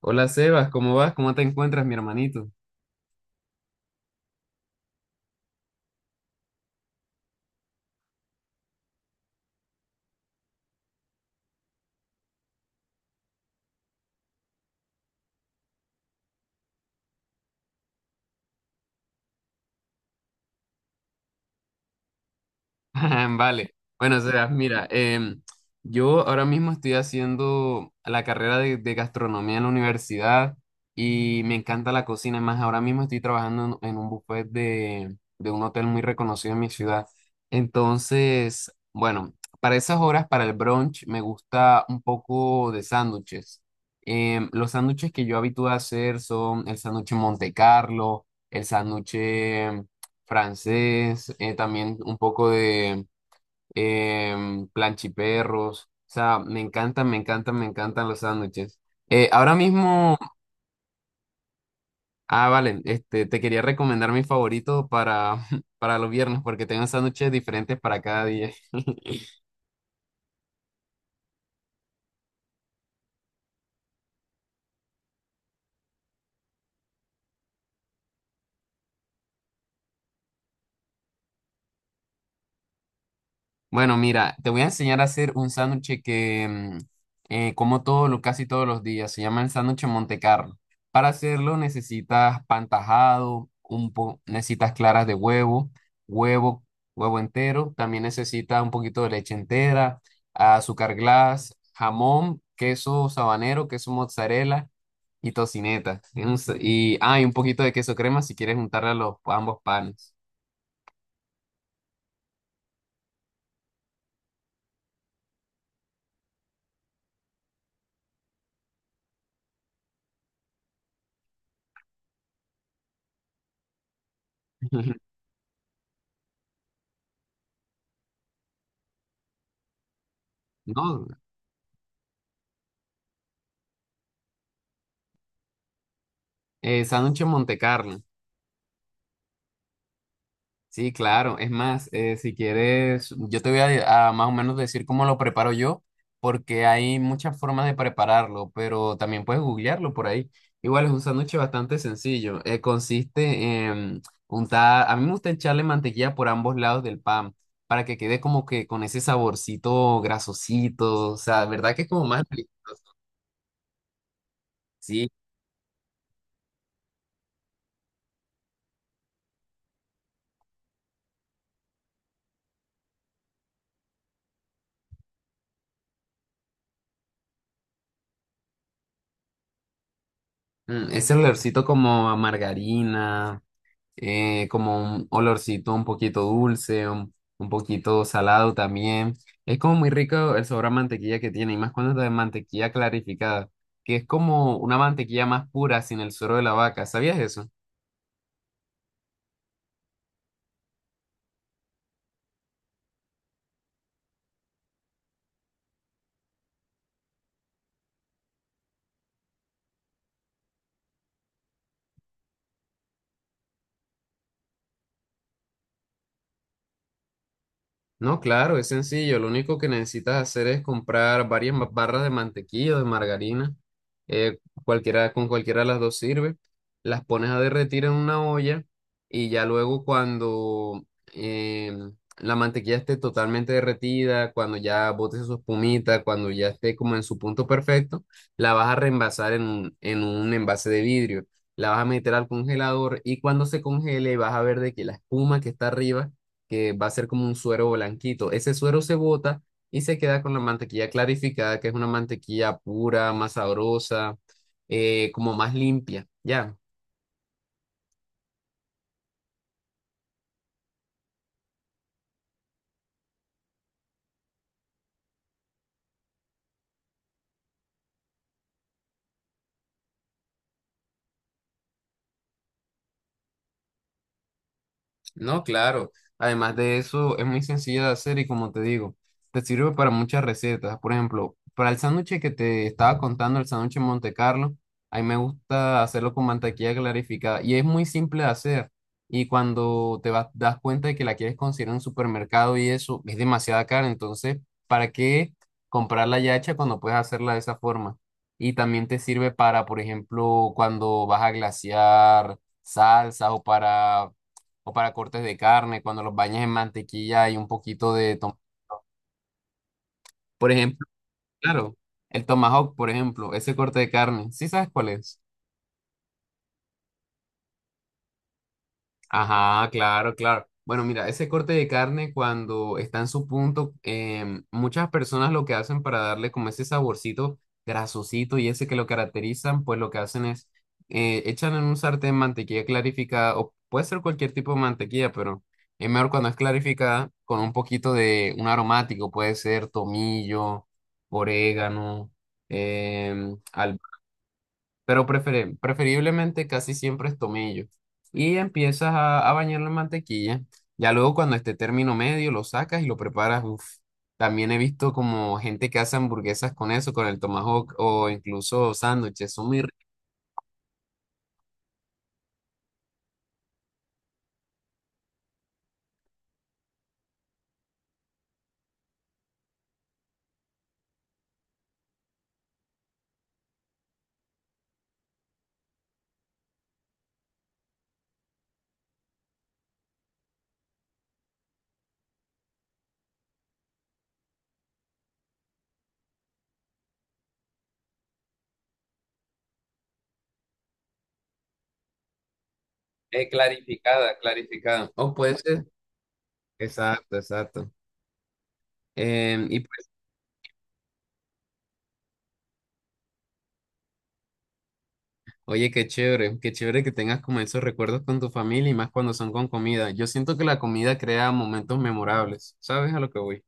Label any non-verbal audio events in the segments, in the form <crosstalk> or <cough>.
Hola Sebas, ¿cómo vas? ¿Cómo te encuentras, mi hermanito? <laughs> Vale. Bueno, Sebas, mira, yo ahora mismo estoy haciendo la carrera de gastronomía en la universidad y me encanta la cocina. Es más, ahora mismo estoy trabajando en un buffet de un hotel muy reconocido en mi ciudad. Entonces, bueno, para esas horas, para el brunch, me gusta un poco de sándwiches. Los sándwiches que yo habitúo a hacer son el sándwich Monte Carlo, el sándwich francés, también un poco de planchiperros. O sea, me encantan los sándwiches. Eh, ahora mismo, vale, este, te quería recomendar mi favorito para, <laughs> para los viernes porque tengo sándwiches diferentes para cada día. Bueno, mira, te voy a enseñar a hacer un sándwich que como todo, lo, casi todos los días. Se llama el sándwich Montecarlo. Para hacerlo necesitas pan tajado, necesitas claras de huevo, huevo, huevo entero. También necesitas un poquito de leche entera, azúcar glass, jamón, queso sabanero, queso mozzarella y tocineta. Y, un sa- y- ah, y un poquito de queso crema si quieres juntarle a los a ambos panes. <laughs> No, sándwich Montecarlo. Sí, claro. Es más, si quieres, yo te voy a más o menos decir cómo lo preparo yo, porque hay muchas formas de prepararlo, pero también puedes googlearlo por ahí. Igual es un sándwich bastante sencillo. Consiste en untar, a mí me gusta echarle mantequilla por ambos lados del pan para que quede como que con ese saborcito grasosito, o sea, ¿verdad que es como más rico? Sí, mm, ese olorcito como a margarina. Como un olorcito un poquito dulce, un poquito salado también. Es como muy rico el sabor a mantequilla que tiene, y más cuando es de mantequilla clarificada, que es como una mantequilla más pura sin el suero de la vaca. ¿Sabías eso? No, claro, es sencillo. Lo único que necesitas hacer es comprar barras de mantequilla o de margarina. eh, Cualquiera, con cualquiera de las dos sirve. Las pones a derretir en una olla y ya luego cuando la mantequilla esté totalmente derretida, cuando ya bote su espumita, cuando ya esté como en su punto perfecto, la vas a reenvasar en un envase de vidrio. La vas a meter al congelador y cuando se congele vas a ver de que la espuma que está arriba que va a ser como un suero blanquito. Ese suero se bota y se queda con la mantequilla clarificada, que es una mantequilla pura, más sabrosa, como más limpia, ¿ya? No, claro. Además de eso, es muy sencilla de hacer y como te digo, te sirve para muchas recetas. Por ejemplo, para el sándwich que te estaba contando, el sándwich en Monte Carlo, a mí me gusta hacerlo con mantequilla clarificada y es muy simple de hacer. Y cuando te vas, das cuenta de que la quieres conseguir en un supermercado y eso, es demasiada cara. Entonces, ¿para qué comprarla ya hecha cuando puedes hacerla de esa forma? Y también te sirve para, por ejemplo, cuando vas a glasear salsas o para cortes de carne, cuando los bañas en mantequilla y un poquito de tom- Por ejemplo, claro, el tomahawk, por ejemplo, ese corte de carne, ¿sí sabes cuál es? Ajá, claro, claro. Bueno, mira, ese corte de carne cuando está en su punto, muchas personas lo que hacen para darle como ese saborcito grasosito y ese que lo caracterizan, pues lo que hacen es echan en un sartén mantequilla clarificada o puede ser cualquier tipo de mantequilla, pero es mejor cuando es clarificada con un poquito de un aromático, puede ser tomillo, orégano, albahaca pero preferiblemente casi siempre es tomillo. Y empiezas a bañarlo en mantequilla. Ya luego cuando esté término medio lo sacas y lo preparas. Uf. También he visto como gente que hace hamburguesas con eso, con el tomahawk o incluso sándwiches. Son muy ricas. Clarificada. O puede ser. Exacto, exacto. Y pues, oye, qué chévere que tengas como esos recuerdos con tu familia y más cuando son con comida. Yo siento que la comida crea momentos memorables. ¿Sabes a lo que voy?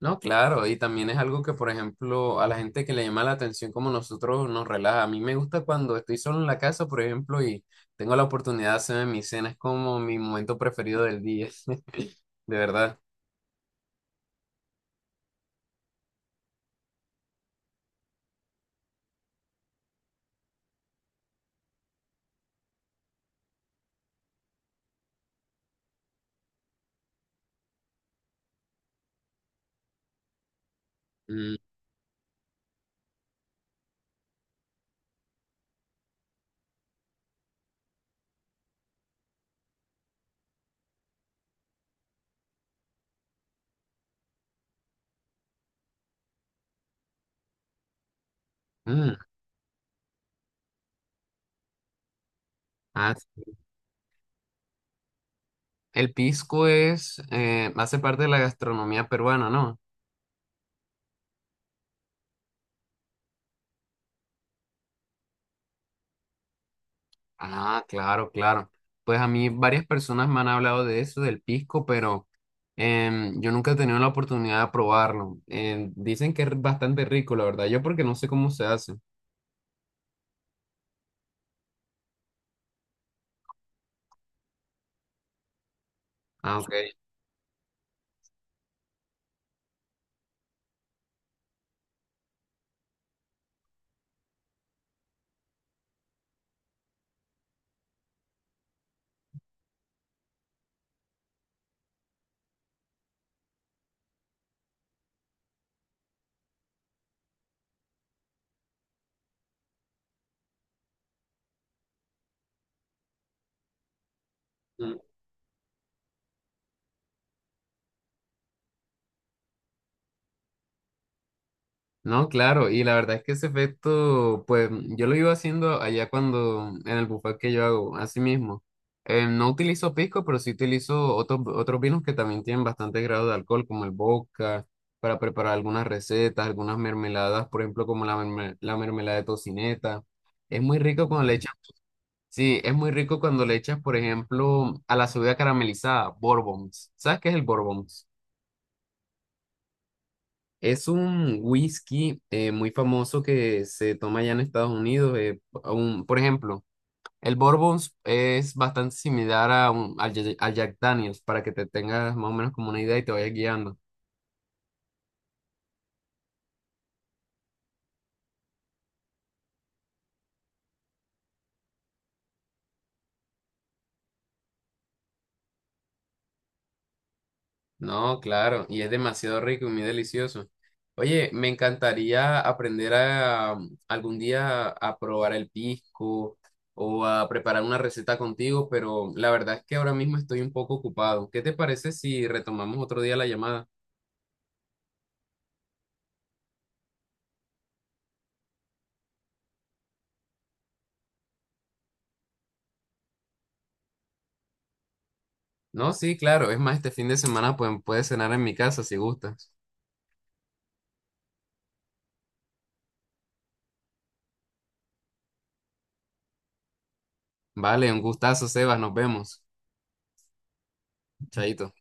No, claro, y también es algo que, por ejemplo, a la gente que le llama la atención como nosotros nos relaja. A mí me gusta cuando estoy solo en la casa, por ejemplo, y tengo la oportunidad de hacerme mi cena, es como mi momento preferido del día, <laughs> de verdad. Mm, mm. Ah, sí. El pisco es, hace parte de la gastronomía peruana, ¿no? Ah, claro, claro. Pues a mí varias personas me han hablado de eso, del pisco, pero yo nunca he tenido la oportunidad de probarlo. Dicen que es bastante rico, la verdad. Yo porque no sé cómo se hace. Ah, ok. No, claro, y la verdad es que ese efecto, pues yo lo iba haciendo allá cuando, en el buffet que yo hago, así mismo. No utilizo pisco, pero sí utilizo otros vinos que también tienen bastante grado de alcohol, como el vodka, para preparar algunas recetas, algunas mermeladas, por ejemplo, como la mermelada de tocineta. Es muy rico cuando le echas, sí, es muy rico cuando le echas, por ejemplo, a la cebolla caramelizada, Bourbons. ¿Sabes qué es el Bourbons? Es un whisky muy famoso que se toma allá en Estados Unidos. Por ejemplo, el Bourbon es bastante similar al Jack Daniels, para que te tengas más o menos como una idea y te vayas guiando. No, claro, y es demasiado rico y muy delicioso. Oye, me encantaría aprender algún día a probar el pisco o a preparar una receta contigo, pero la verdad es que ahora mismo estoy un poco ocupado. ¿Qué te parece si retomamos otro día la llamada? No, sí, claro. Es más, este fin de semana pues, puedes cenar en mi casa si gustas. Vale, un gustazo, Sebas. Nos vemos. Chaito.